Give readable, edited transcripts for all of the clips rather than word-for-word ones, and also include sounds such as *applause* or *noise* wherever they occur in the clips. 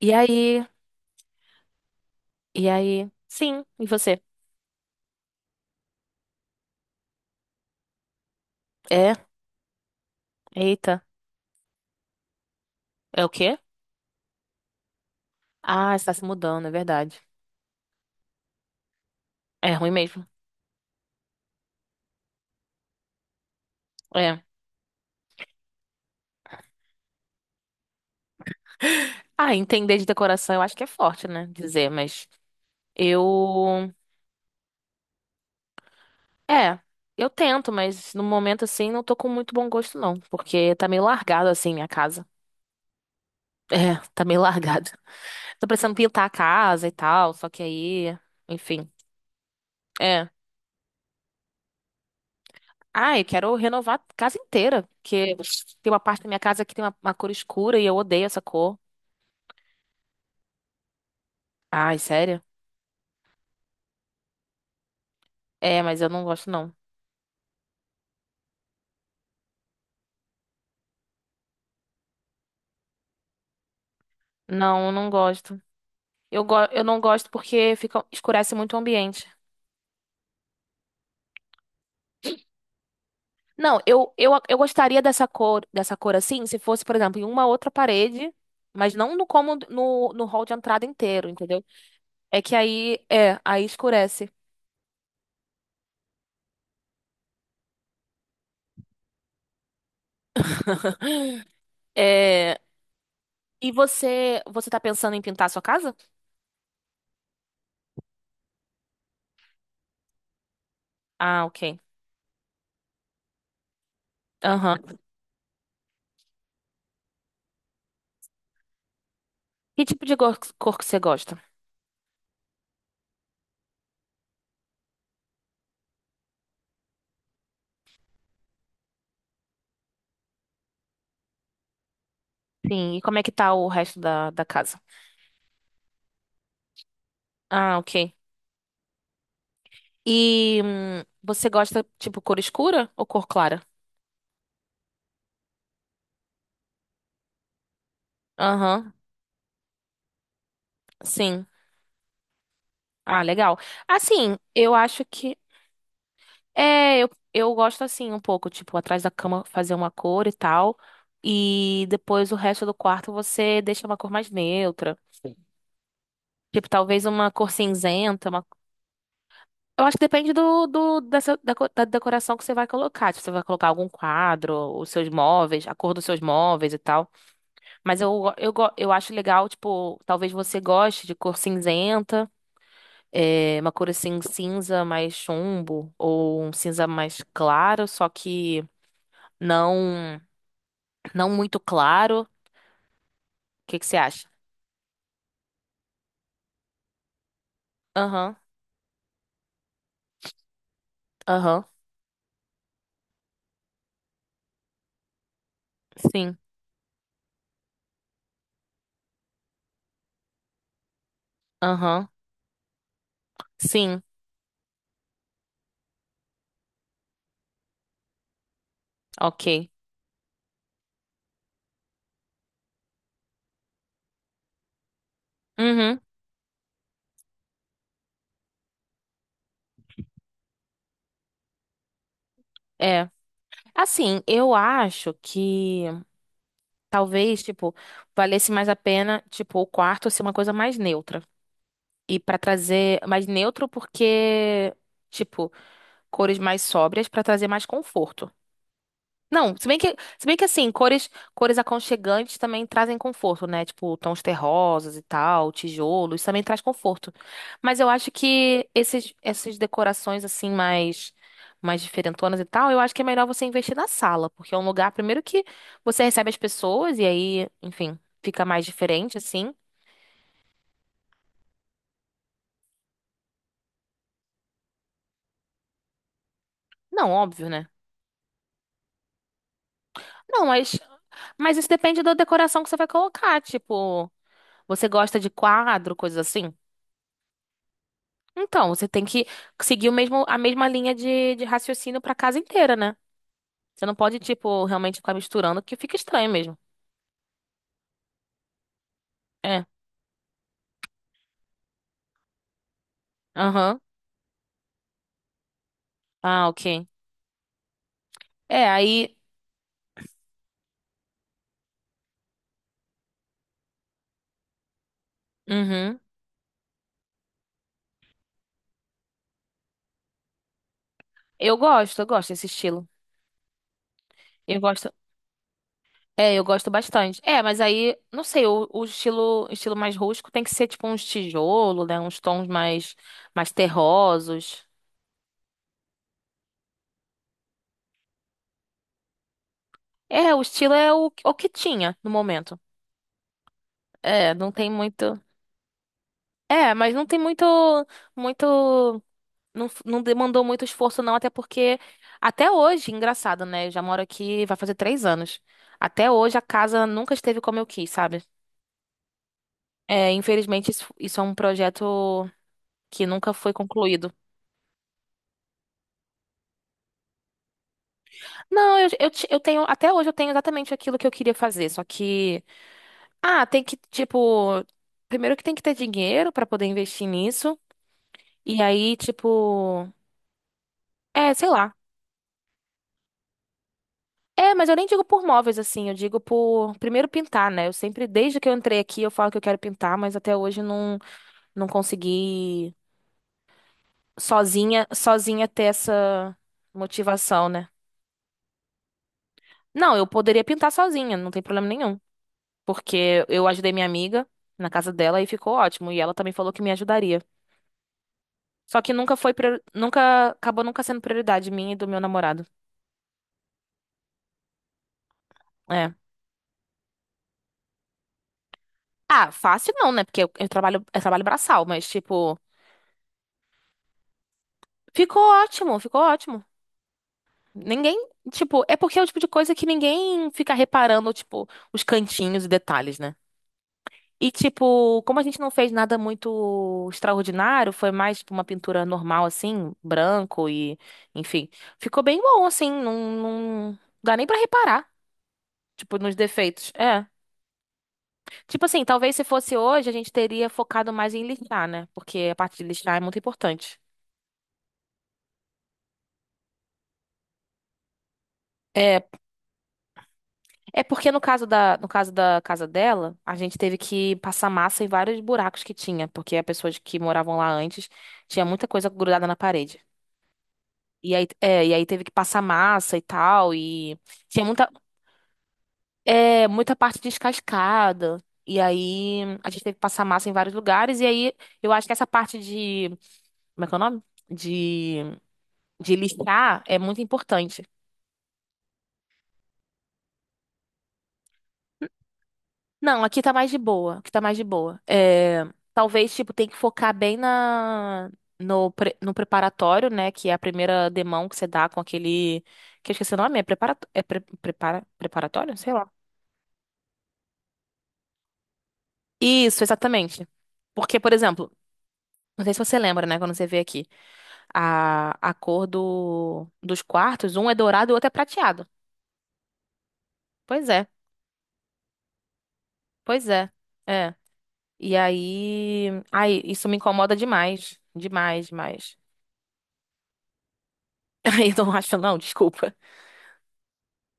E aí? E aí? Sim, e você? É? Eita. É o quê? Ah, está se mudando, é verdade. É ruim mesmo. É. *laughs* Ah, entender de decoração eu acho que é forte, né? Dizer, mas eu. É, eu tento, mas no momento assim não tô com muito bom gosto, não. Porque tá meio largado assim minha casa. É, tá meio *laughs* largado. Tô precisando pintar a casa e tal, só que aí. Enfim. É. Ah, eu quero renovar a casa inteira, porque tem uma parte da minha casa que tem uma cor escura e eu odeio essa cor. Ai, sério? É, mas eu não gosto, não. Não, eu não gosto. Eu, go eu não gosto porque fica, escurece muito o ambiente. Não, eu gostaria dessa cor assim, se fosse, por exemplo, em uma outra parede, mas não no como no hall de entrada inteiro, entendeu? É que aí, é, aí escurece. É, e você, você tá pensando em pintar a sua casa? Ah, ok. Aham. Que tipo de cor que você gosta? Sim, e como é que tá o resto da casa? Ah, ok. E você gosta, tipo, cor escura ou cor clara? Aham, sim. Ah, legal. Assim, eu acho que. É, eu gosto assim um pouco, tipo, atrás da cama fazer uma cor e tal. E depois o resto do quarto você deixa uma cor mais neutra. Tipo, talvez uma cor cinzenta, uma. Eu acho que depende da decoração que você vai colocar. Se você vai colocar algum quadro, os seus móveis, a cor dos seus móveis e tal. Mas eu acho legal, tipo, talvez você goste de cor cinzenta, é, uma cor assim cinza mais chumbo, ou um cinza mais claro, só que não, não muito claro. O que que você acha? Aham, aham, sim, aham, sim, ok. Uhum, é. Assim, eu acho que. Talvez, tipo, valesse mais a pena, tipo, o quarto ser uma coisa mais neutra. E pra trazer mais neutro porque, tipo, cores mais sóbrias pra trazer mais conforto. Não, se bem que, se bem que assim, cores aconchegantes também trazem conforto, né? Tipo, tons terrosos e tal, tijolo, isso também traz conforto. Mas eu acho que esses, essas decorações assim mais diferentonas e tal, eu acho que é melhor você investir na sala, porque é um lugar primeiro que você recebe as pessoas e aí, enfim, fica mais diferente assim. Não, óbvio, né? Não, mas isso depende da decoração que você vai colocar, tipo, você gosta de quadro, coisas assim? Então, você tem que seguir o mesmo, a mesma linha de raciocínio pra casa inteira, né? Você não pode, tipo, realmente ficar misturando, que fica estranho mesmo. É. Aham. Ah, ok. É, aí. Uhum. Eu gosto desse estilo. Eu gosto. É, eu gosto bastante. É, mas aí, não sei, o estilo, estilo mais rústico tem que ser, tipo, uns tijolo, né? Uns tons mais, mais terrosos. É, o estilo é o que tinha no momento. É, não tem muito. É, mas não tem muito. Não, não demandou muito esforço, não, até porque até hoje, engraçado, né? Eu já moro aqui, vai fazer 3 anos. Até hoje a casa nunca esteve como eu quis, sabe? É, infelizmente, isso é um projeto que nunca foi concluído. Não, eu tenho, até hoje eu tenho exatamente aquilo que eu queria fazer, só que, ah, tem que, tipo, primeiro que tem que ter dinheiro pra poder investir nisso, e aí, tipo, é, sei lá. É, mas eu nem digo por móveis assim, eu digo por primeiro pintar, né? Eu sempre, desde que eu entrei aqui, eu falo que eu quero pintar, mas até hoje não consegui sozinha, sozinha ter essa motivação, né? Não, eu poderia pintar sozinha, não tem problema nenhum, porque eu ajudei minha amiga na casa dela e ficou ótimo, e ela também falou que me ajudaria. Só que nunca foi, nunca acabou nunca sendo prioridade minha e do meu namorado. É. Ah, fácil não, né? Porque eu trabalho braçal, mas tipo, ficou ótimo, ficou ótimo. Ninguém, tipo, é porque é o tipo de coisa que ninguém fica reparando, tipo, os cantinhos e detalhes, né? E, tipo, como a gente não fez nada muito extraordinário, foi mais, tipo, uma pintura normal, assim, branco e, enfim. Ficou bem bom, assim, não, não dá nem pra reparar, tipo, nos defeitos. É. Tipo assim, talvez se fosse hoje, a gente teria focado mais em lixar, né? Porque a parte de lixar é muito importante. É. É porque no caso da, no caso da casa dela, a gente teve que passar massa em vários buracos que tinha, porque as pessoas que moravam lá antes tinha muita coisa grudada na parede. E aí, e aí teve que passar massa e tal, e tinha muita, é, muita parte descascada. E aí a gente teve que passar massa em vários lugares, e aí eu acho que essa parte de, como é que é o nome? De, de lixar é muito importante. Não, aqui tá mais de boa. Aqui tá mais de boa. É, talvez, tipo, tem que focar bem na, no, no preparatório, né? Que é a primeira demão que você dá com aquele. Que eu esqueci o nome, é, preparato... é prepara... preparatório? Sei lá. Isso, exatamente. Porque, por exemplo, não sei se você lembra, né? Quando você vê aqui, a cor do... dos quartos, um é dourado e o outro é prateado. Pois é, pois é. É. E aí. Ai, isso me incomoda demais. Demais, demais. *laughs* Eu não acho, não, desculpa.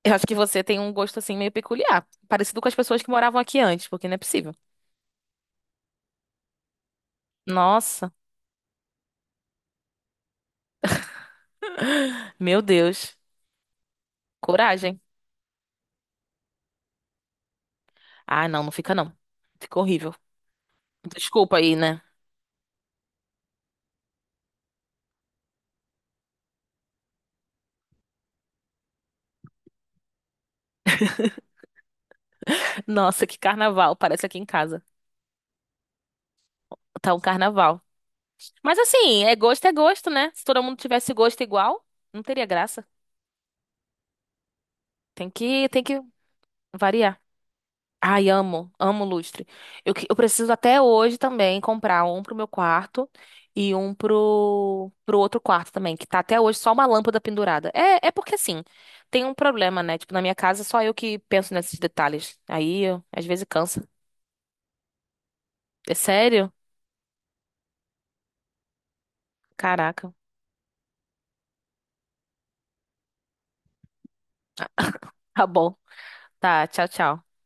Eu acho que você tem um gosto assim meio peculiar, parecido com as pessoas que moravam aqui antes, porque não é possível. Nossa, meu Deus. Coragem. Ah, não, não fica não. Fica horrível. Desculpa aí, né? Nossa, que carnaval, parece aqui em casa. Tá um carnaval. Mas assim, é gosto, né? Se todo mundo tivesse gosto igual, não teria graça. Tem que variar. Ai, amo, amo lustre. Eu preciso até hoje também comprar um pro meu quarto e um pro, pro outro quarto também, que tá até hoje só uma lâmpada pendurada. É, é porque assim, tem um problema, né? Tipo, na minha casa só eu que penso nesses detalhes. Aí, às vezes cansa. É sério? Caraca. Tá bom. Tá, tchau, tchau.